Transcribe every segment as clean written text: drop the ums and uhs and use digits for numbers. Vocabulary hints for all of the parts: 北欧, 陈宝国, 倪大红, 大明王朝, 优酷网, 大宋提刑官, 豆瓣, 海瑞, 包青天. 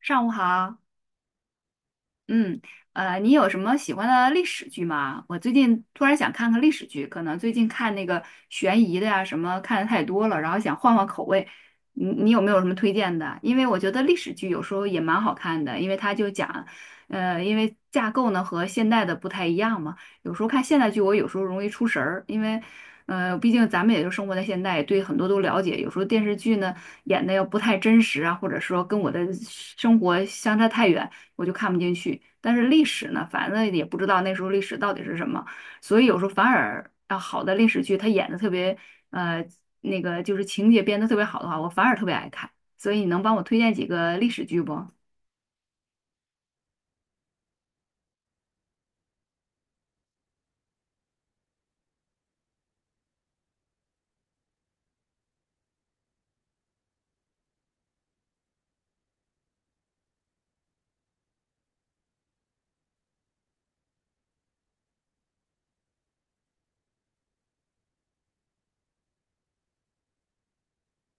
上午好，嗯，你有什么喜欢的历史剧吗？我最近突然想看看历史剧，可能最近看那个悬疑的呀、什么看的太多了，然后想换换口味。你有没有什么推荐的？因为我觉得历史剧有时候也蛮好看的，因为它就讲，因为架构呢和现代的不太一样嘛。有时候看现代剧，我有时候容易出神儿，因为毕竟咱们也就生活在现代，对很多都了解。有时候电视剧呢演的要不太真实啊，或者说跟我的生活相差太远。我就看不进去。但是历史呢，反正也不知道那时候历史到底是什么，所以有时候反而啊，好的历史剧它演的特别呃那个就是情节编的特别好的话，我反而特别爱看。所以你能帮我推荐几个历史剧不？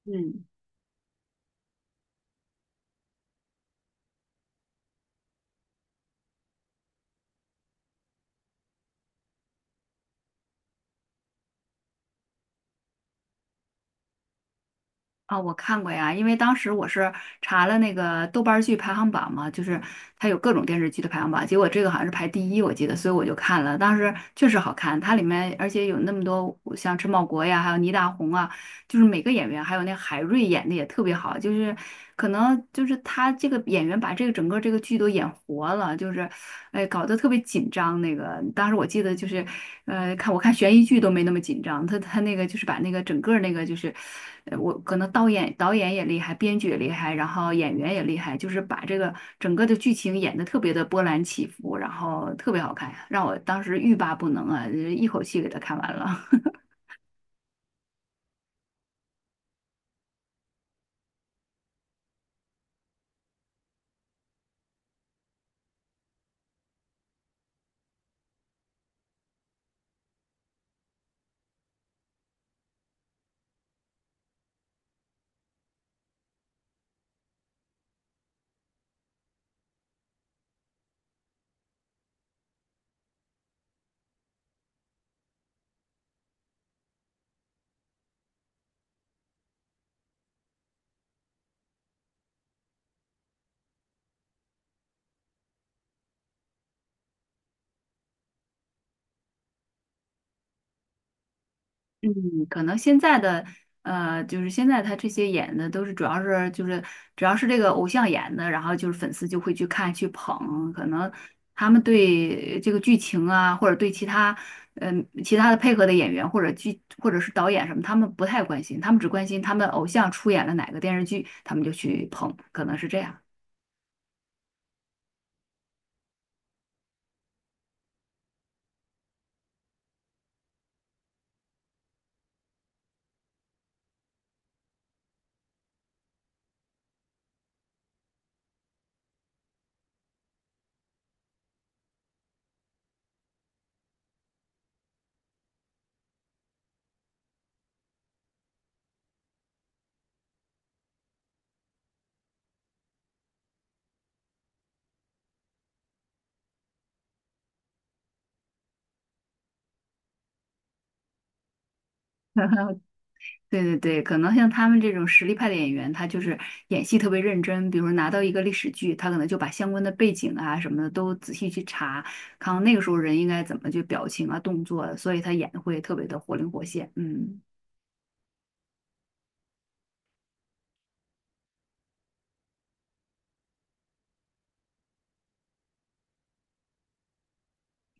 嗯。啊，我看过呀，因为当时我是查了那个豆瓣儿剧排行榜嘛，就是它有各种电视剧的排行榜，结果这个好像是排第一，我记得，所以我就看了。当时确实好看，它里面而且有那么多像陈宝国呀，还有倪大红啊，就是每个演员，还有那海瑞演的也特别好，就是可能就是他这个演员把这个整个这个剧都演活了，就是，哎，搞得特别紧张。那个当时我记得就是，看我看悬疑剧都没那么紧张，他那个就是把那个整个那个就是，我可能导演也厉害，编剧也厉害，然后演员也厉害，就是把这个整个的剧情演得特别的波澜起伏，然后特别好看，让我当时欲罢不能啊，一口气给他看完了。嗯，可能现在的就是现在他这些演的都是主要是这个偶像演的，然后就是粉丝就会去看去捧，可能他们对这个剧情啊，或者对其他嗯、其他的配合的演员或者剧或者是导演什么，他们不太关心，他们只关心他们偶像出演了哪个电视剧，他们就去捧，可能是这样。对对对，可能像他们这种实力派的演员，他就是演戏特别认真。比如说拿到一个历史剧，他可能就把相关的背景啊什么的都仔细去查，看看那个时候人应该怎么去表情啊、动作啊，所以他演得会特别的活灵活现。嗯。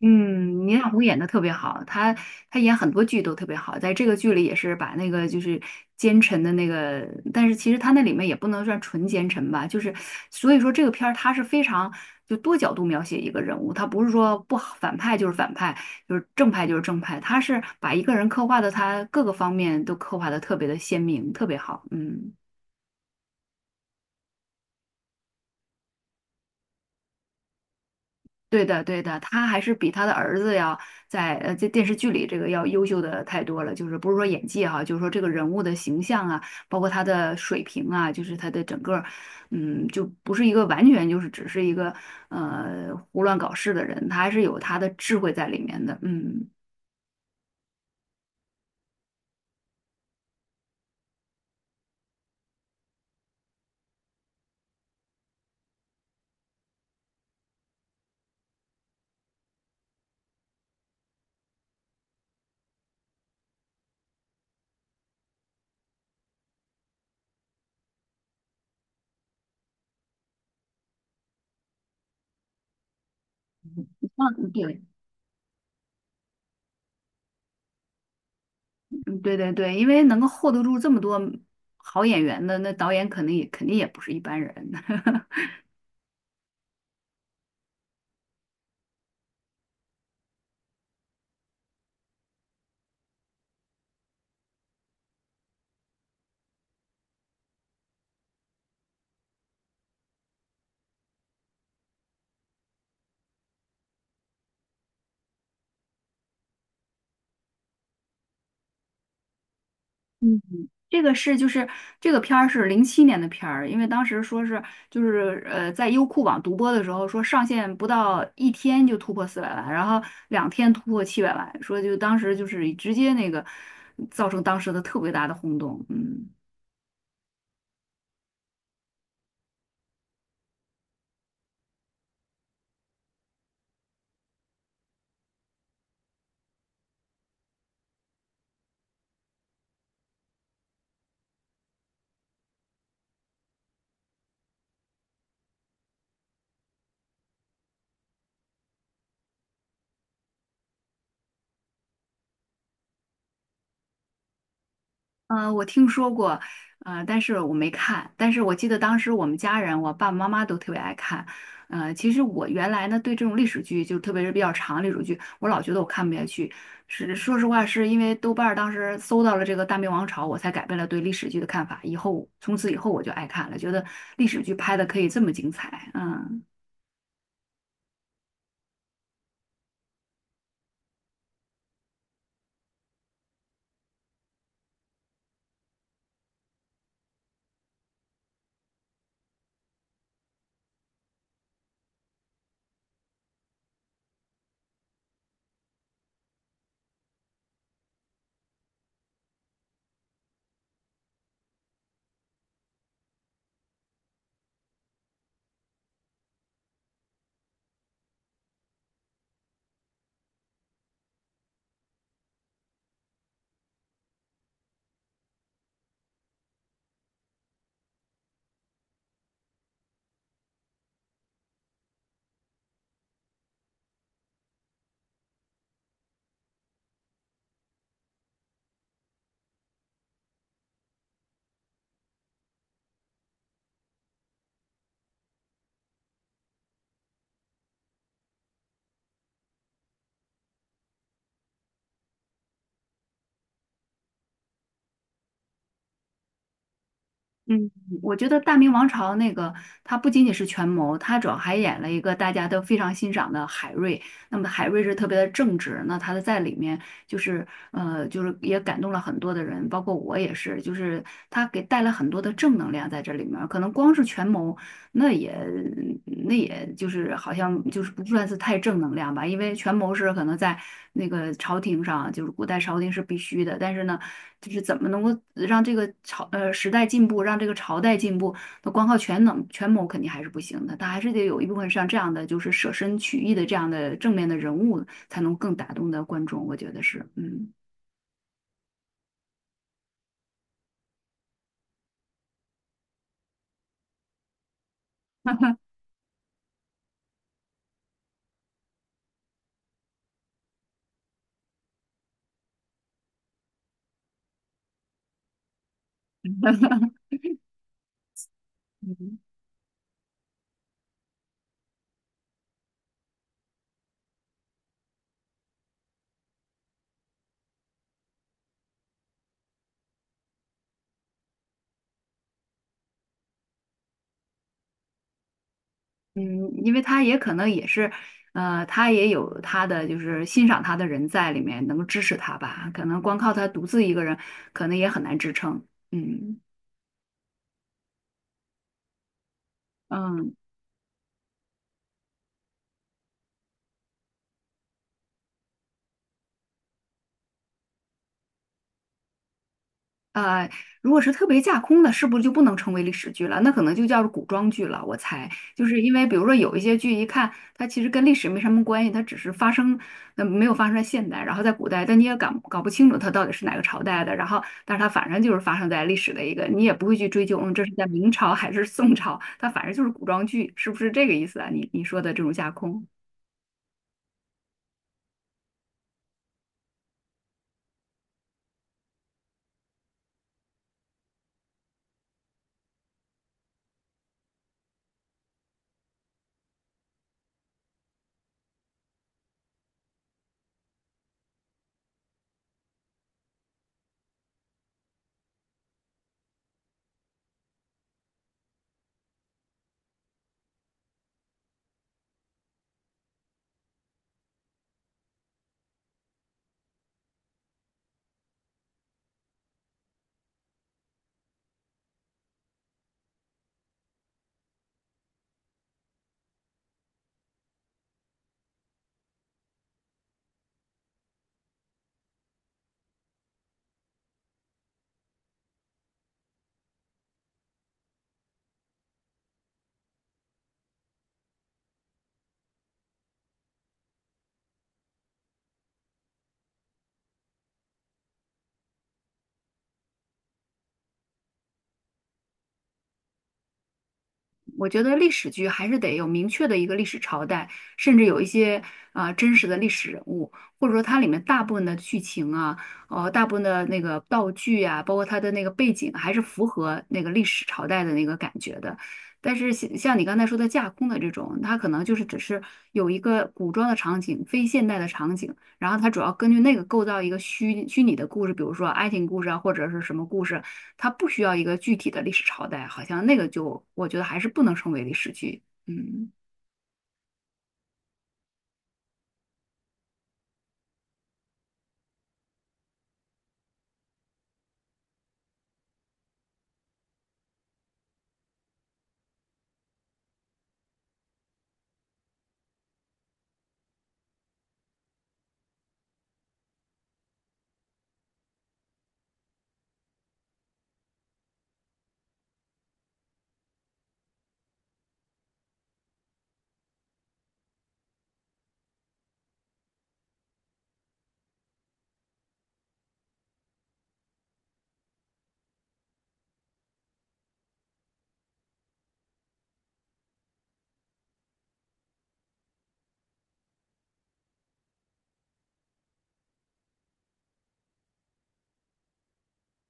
嗯，倪大红演的特别好，她演很多剧都特别好，在这个剧里也是把那个就是奸臣的那个，但是其实她那里面也不能算纯奸臣吧，就是所以说这个片儿它是非常就多角度描写一个人物，它不是说不好反派就是反派，就是正派就是正派，它是把一个人刻画的他各个方面都刻画的特别的鲜明，特别好，嗯。对的，对的，他还是比他的儿子要在这电视剧里这个要优秀的太多了。就是不是说演技哈、就是说这个人物的形象啊，包括他的水平啊，就是他的整个，嗯，就不是一个完全就是只是一个胡乱搞事的人，他还是有他的智慧在里面的。嗯，嗯对，嗯对对对，因为能够 hold 得住这么多好演员的，那导演肯定也不是一般人。嗯，这个是就是这个片儿是07年的片儿，因为当时说是就是在优酷网独播的时候说上线不到一天就突破400万，然后两天突破700万，说就当时就是直接那个造成当时的特别大的轰动，嗯。嗯，我听说过，但是我没看。但是我记得当时我们家人，我爸爸妈妈都特别爱看。呃，其实我原来呢对这种历史剧，就特别是比较长的历史剧，我老觉得我看不下去。是说实话，是因为豆瓣儿当时搜到了这个《大明王朝》，我才改变了对历史剧的看法。以后从此以后我就爱看了，觉得历史剧拍的可以这么精彩。嗯。嗯，我觉得《大明王朝》那个，它不仅仅是权谋，它主要还演了一个大家都非常欣赏的海瑞。那么海瑞是特别的正直，那他在里面就是也感动了很多的人，包括我也是，就是他给带了很多的正能量在这里面儿可能光是权谋，那也那也就是好像就是不算是太正能量吧，因为权谋是可能在那个朝廷上，就是古代朝廷是必须的，但是呢，就是怎么能够让这个时代进步，让这个朝代进步，那光靠权谋肯定还是不行的，他还是得有一部分像这样的就是舍身取义的这样的正面的人物，才能更打动的观众，我觉得是，嗯。嗯嗯，因为他也可能也是，他也有他的就是欣赏他的人在里面，能够支持他吧。可能光靠他独自一个人，可能也很难支撑。嗯嗯，呃，如果是特别架空的，是不是就不能称为历史剧了？那可能就叫古装剧了。我猜，就是因为比如说有一些剧，一看它其实跟历史没什么关系，它只是发生，没有发生在现代，然后在古代，但你也搞搞不清楚它到底是哪个朝代的。然后，但是它反正就是发生在历史的一个，你也不会去追究，嗯，这是在明朝还是宋朝，它反正就是古装剧，是不是这个意思啊？你你说的这种架空。我觉得历史剧还是得有明确的一个历史朝代，甚至有一些真实的历史人物，或者说它里面大部分的剧情啊，呃，大部分的那个道具啊，包括它的那个背景，还是符合那个历史朝代的那个感觉的。但是像你刚才说的架空的这种，它可能就是只是有一个古装的场景，非现代的场景。然后它主要根据那个构造一个虚拟的故事，比如说爱情故事啊，或者是什么故事，它不需要一个具体的历史朝代，好像那个就我觉得还是不能称为历史剧。嗯。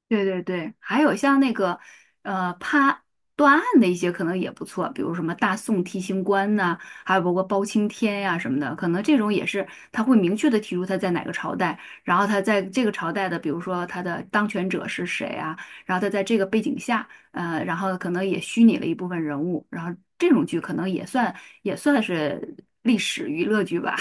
对对对，还有像那个判断案的一些可能也不错，比如什么大宋提刑官呐、还有包括包青天呀、什么的，可能这种也是他会明确的提出他在哪个朝代，然后他在这个朝代的，比如说他的当权者是谁啊，然后他在这个背景下，然后可能也虚拟了一部分人物，然后这种剧可能也算也算是历史娱乐剧吧，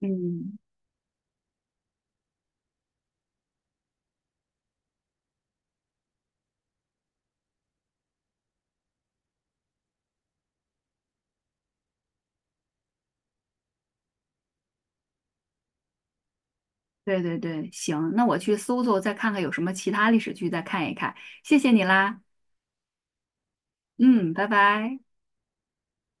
嗯。对对对，行，那我去搜搜，再看看有什么其他历史剧，再看一看。谢谢你啦，嗯，拜拜。